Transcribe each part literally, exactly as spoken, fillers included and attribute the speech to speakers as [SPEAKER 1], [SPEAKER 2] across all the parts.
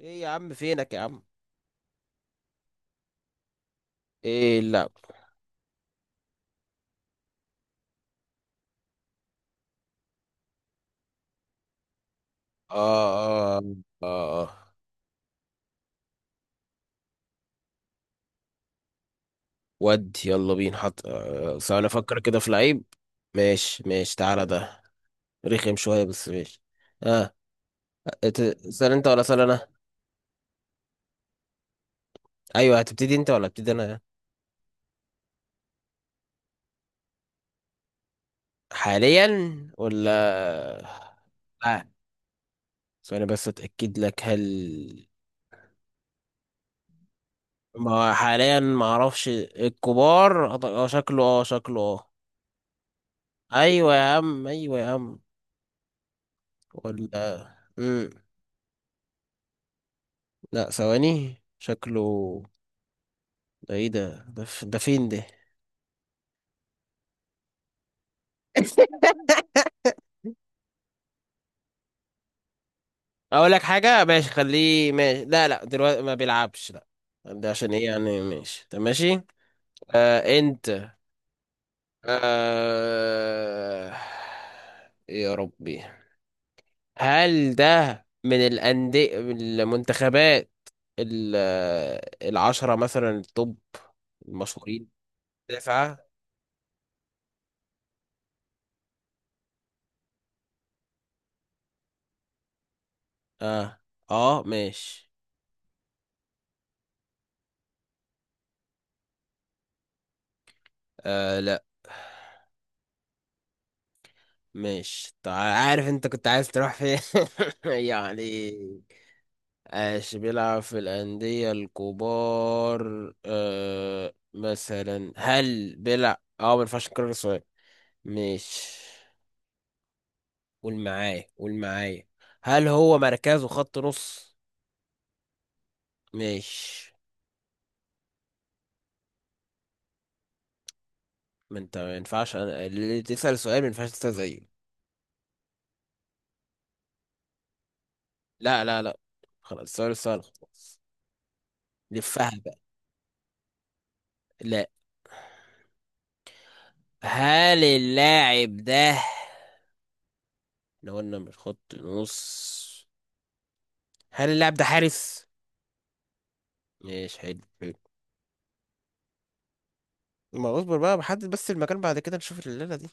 [SPEAKER 1] ايه يا عم، فينك يا عم؟ ايه لا. اه، اه، اه. ود يلا بينا حط، آه، ثواني افكر كده في لعيب. ماشي ماشي، تعالى ده. رخم شوية بس، ماشي. اه. ات- اسال انت ولا اسال انا؟ ايوه، هتبتدي انت ولا ابتدي انا؟ حاليا ولا. اه، ثواني بس اتاكد لك. هل ما هو حاليا، ما اعرفش الكبار، اه شكله، اه شكله اه؟ ايوه يا عم، ايوه يا عم. ولا مم. لا، ثواني شكله ده. ايه ده، ده, ف... ده فين ده؟ اقول لك حاجه، ماشي خليه ماشي. لا لا، دلوقتي ما بيلعبش، لا. ده عشان ايه يعني؟ ماشي، طب ماشي. آه انت. آه يا ربي. هل ده من الانديه من المنتخبات ال- العشره مثلا، التوب، المشهورين؟ تسعه. اه اه ماشي. آه لا، ماشي طيب. عارف انت كنت عايز تروح فين؟ يعني. ايش بيلعب في الأندية الكبار؟ آه مثلا، هل بيلعب اه؟ ما ينفعش نكرر السؤال. ماشي. قول معايا، قول معايا، هل هو مركزه خط نص؟ ماشي. ما انت، ما ينفعش انا اللي تسأل سؤال، ما ينفعش تسأل زيه. لا لا لا، خلاص، السؤال سهل خلاص. لفها بقى. لا. هل اللاعب ده، لو قلنا من خط نص، هل اللاعب ده حارس؟ ماشي، حلو حلو. ما اصبر بقى، بحدد بس المكان، بعد كده نشوف الليلة دي.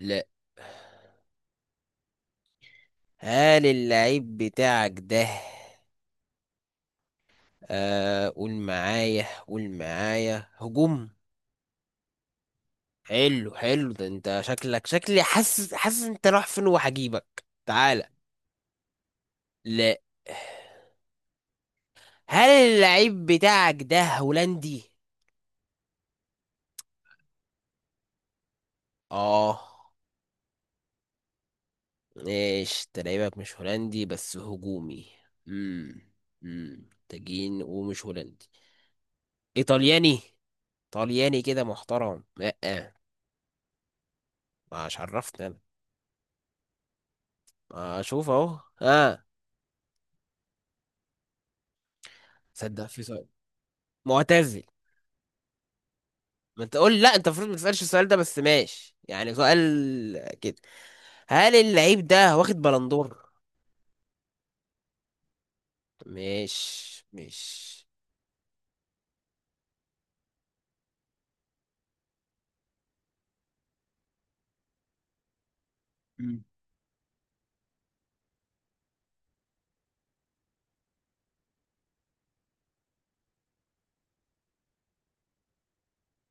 [SPEAKER 1] لا. هل اللعيب بتاعك ده، آه قول معايا، قول معايا، هجوم؟ حلو حلو، ده انت شكلك شكلي، حاسس حاسس انت رايح فين، وهجيبك تعالى. لا. هل اللعيب بتاعك ده هولندي؟ اه. ايش تلاعبك، مش هولندي بس هجومي. امم امم تجين ومش هولندي، ايطالياني، طلياني كده محترم. لا. مش عرفتني انا. ما اشوف اهو اه. صدق، في سؤال. معتزل. ما انت قول، لا انت المفروض ما تسالش السؤال ده، بس ماشي يعني سؤال كده. هل اللعيب ده واخد بلندور؟ مش مش مم.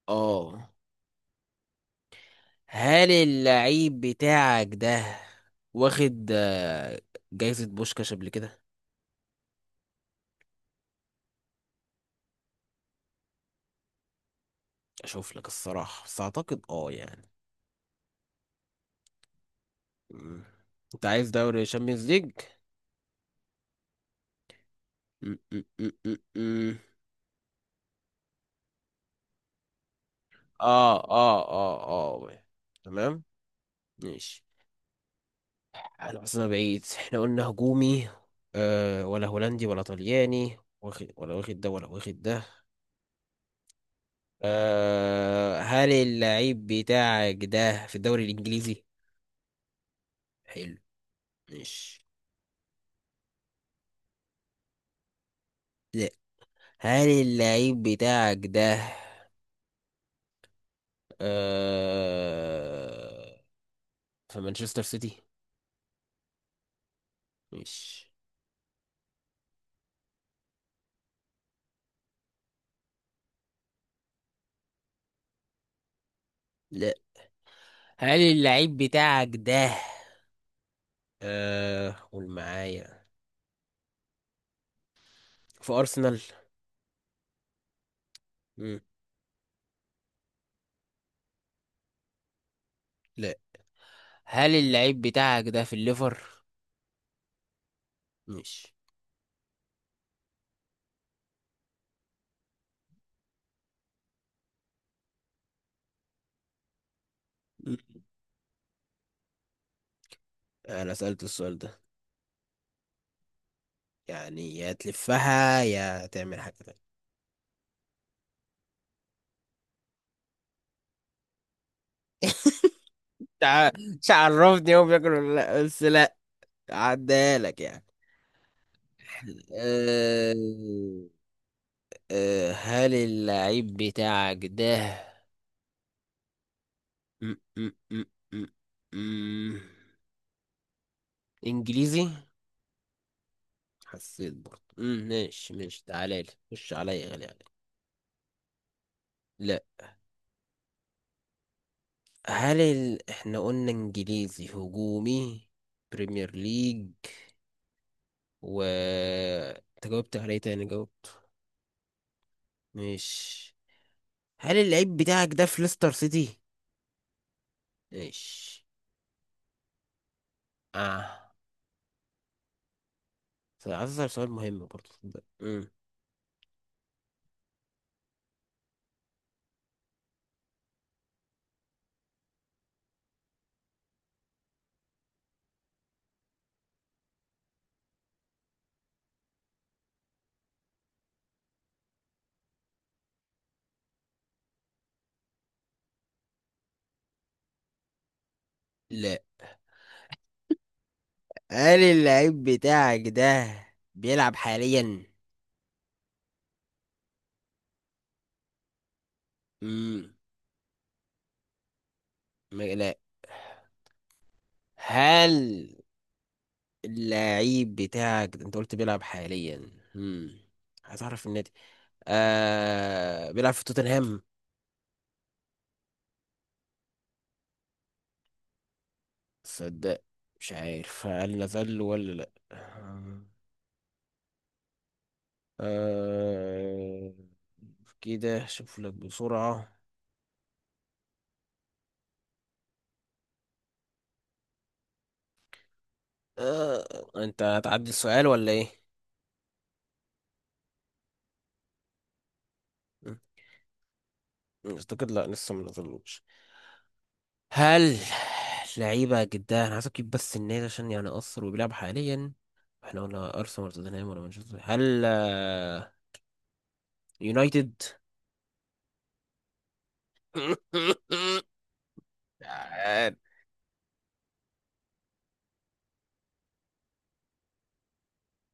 [SPEAKER 1] اه، هل اللعيب بتاعك ده واخد، آه، جايزة بوشكاش قبل كده؟ اشوف لك الصراحة، بس اعتقد اه يعني. مم. انت عايز دوري شامبيونز ليج. مم، مم، مم، مم، مم. اه اه اه. اه تمام ماشي. انا بس انا بعيد احنا قلنا هجومي، آه ولا هولندي، ولا طلياني، واخد ولا، واخد ده ولا، واخد ده. آه هل اللعيب بتاعك ده في الدوري الانجليزي؟ حلو ماشي. هل اللعيب بتاعك ده آه... في مانشستر سيتي؟ مش لا. هل اللعيب بتاعك ده، آه... قول معايا، في أرسنال؟ مم. لا. هل اللعيب بتاعك ده في الليفر؟ مش. مم. أنا سألت السؤال ده يعني، يا تلفها يا تعمل حاجة تانية. تع- مش عرفني هو بياكل ولا لا، بس لا، عدالك يعني. أه... أه، هل اللعيب بتاعك ده م- م- م- م- م- انجليزي؟ حسيت برضه، مم، ماشي ماشي، تعالى لي، خش عليا، غالي عليا. لا. هل ال... احنا قلنا انجليزي، هجومي، بريمير ليج، و انت جاوبت عليه تاني جاوبت. ماشي. هل اللعيب بتاعك ده في ليستر سيتي؟ ماشي. اه، عايز اسأل سؤال مهم برضه صدق. مم. لا. هل اللعيب بتاعك ده بيلعب حاليا؟ امم. لا. هل اللعيب بتاعك ده، انت قلت بيلعب حاليا، امم، هتعرف النادي، آه بيلعب في توتنهام؟ صدق مش عارف، هل نزل ولا لا. آه كده، شوف لك بسرعة. آه انت هتعدي السؤال ولا ايه؟ مم. اعتقد لا، لسه ما نزلوش. هل لعيبة جدا، أنا عايز أجيب بس النادي عشان يعني أثر، وبيلعب حاليا. احنا قلنا أرسنال ولا توتنهام ولا مانشستر، هل آه، يونايتد؟ آه،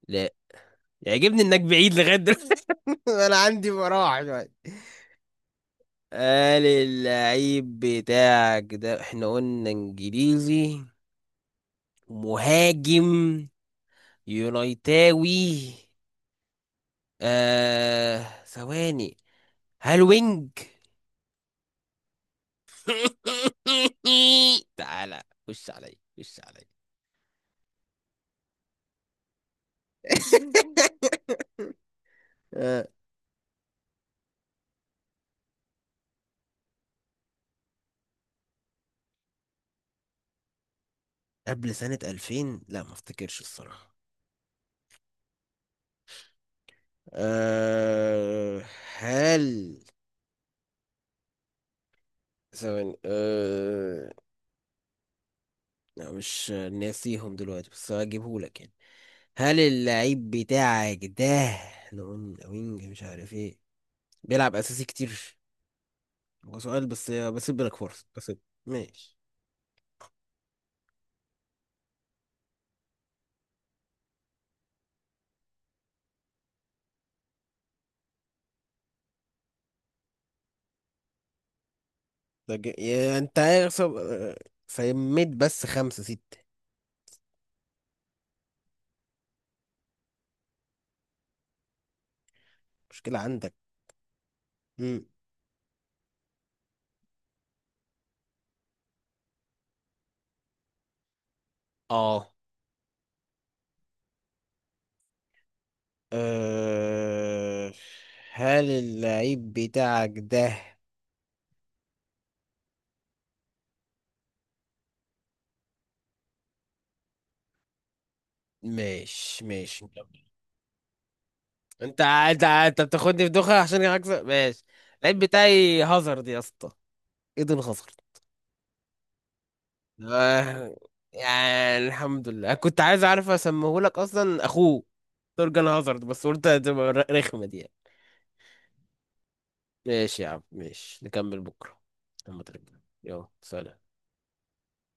[SPEAKER 1] لا. يعجبني إنك بعيد لغاية دلوقتي أنا عندي مراحل دلوقتي. قال اللعيب بتاعك ده، احنا قلنا انجليزي، مهاجم، يونايتاوي، آه ثواني، هل وينج؟ تعالى، خش علي، خش علي آه، قبل سنة ألفين؟ لا ما افتكرش الصراحة. أه هل، ثواني، أه لا مش ناسيهم دلوقتي بس هجيبه لك يعني. هل اللعيب بتاعك ده لون وينج مش عارف ايه، بيلعب اساسي كتير؟ هو سؤال بس، بسيب لك فرصة بس. ماشي. ده ج- يا انت عارف سب- آه، سميت بس خمسة ستة. مشكلة عندك. مم. اه. أه... هل اللعيب بتاعك ده؟ ماشي، ماشي مكمل. انت انت انت بتاخدني في دوخة عشان اكسب، ماشي. اللعيب بتاعي هازارد يا اسطى، ايدن هازارد. آه، يعني الحمد لله، كنت عايز اعرف اسميه لك اصلا اخوه تورجان هازارد، بس قلت هتبقى رخمة دي يعني. ماشي يا عم، ماشي نكمل بكرة لما ترجع. يلا سلام.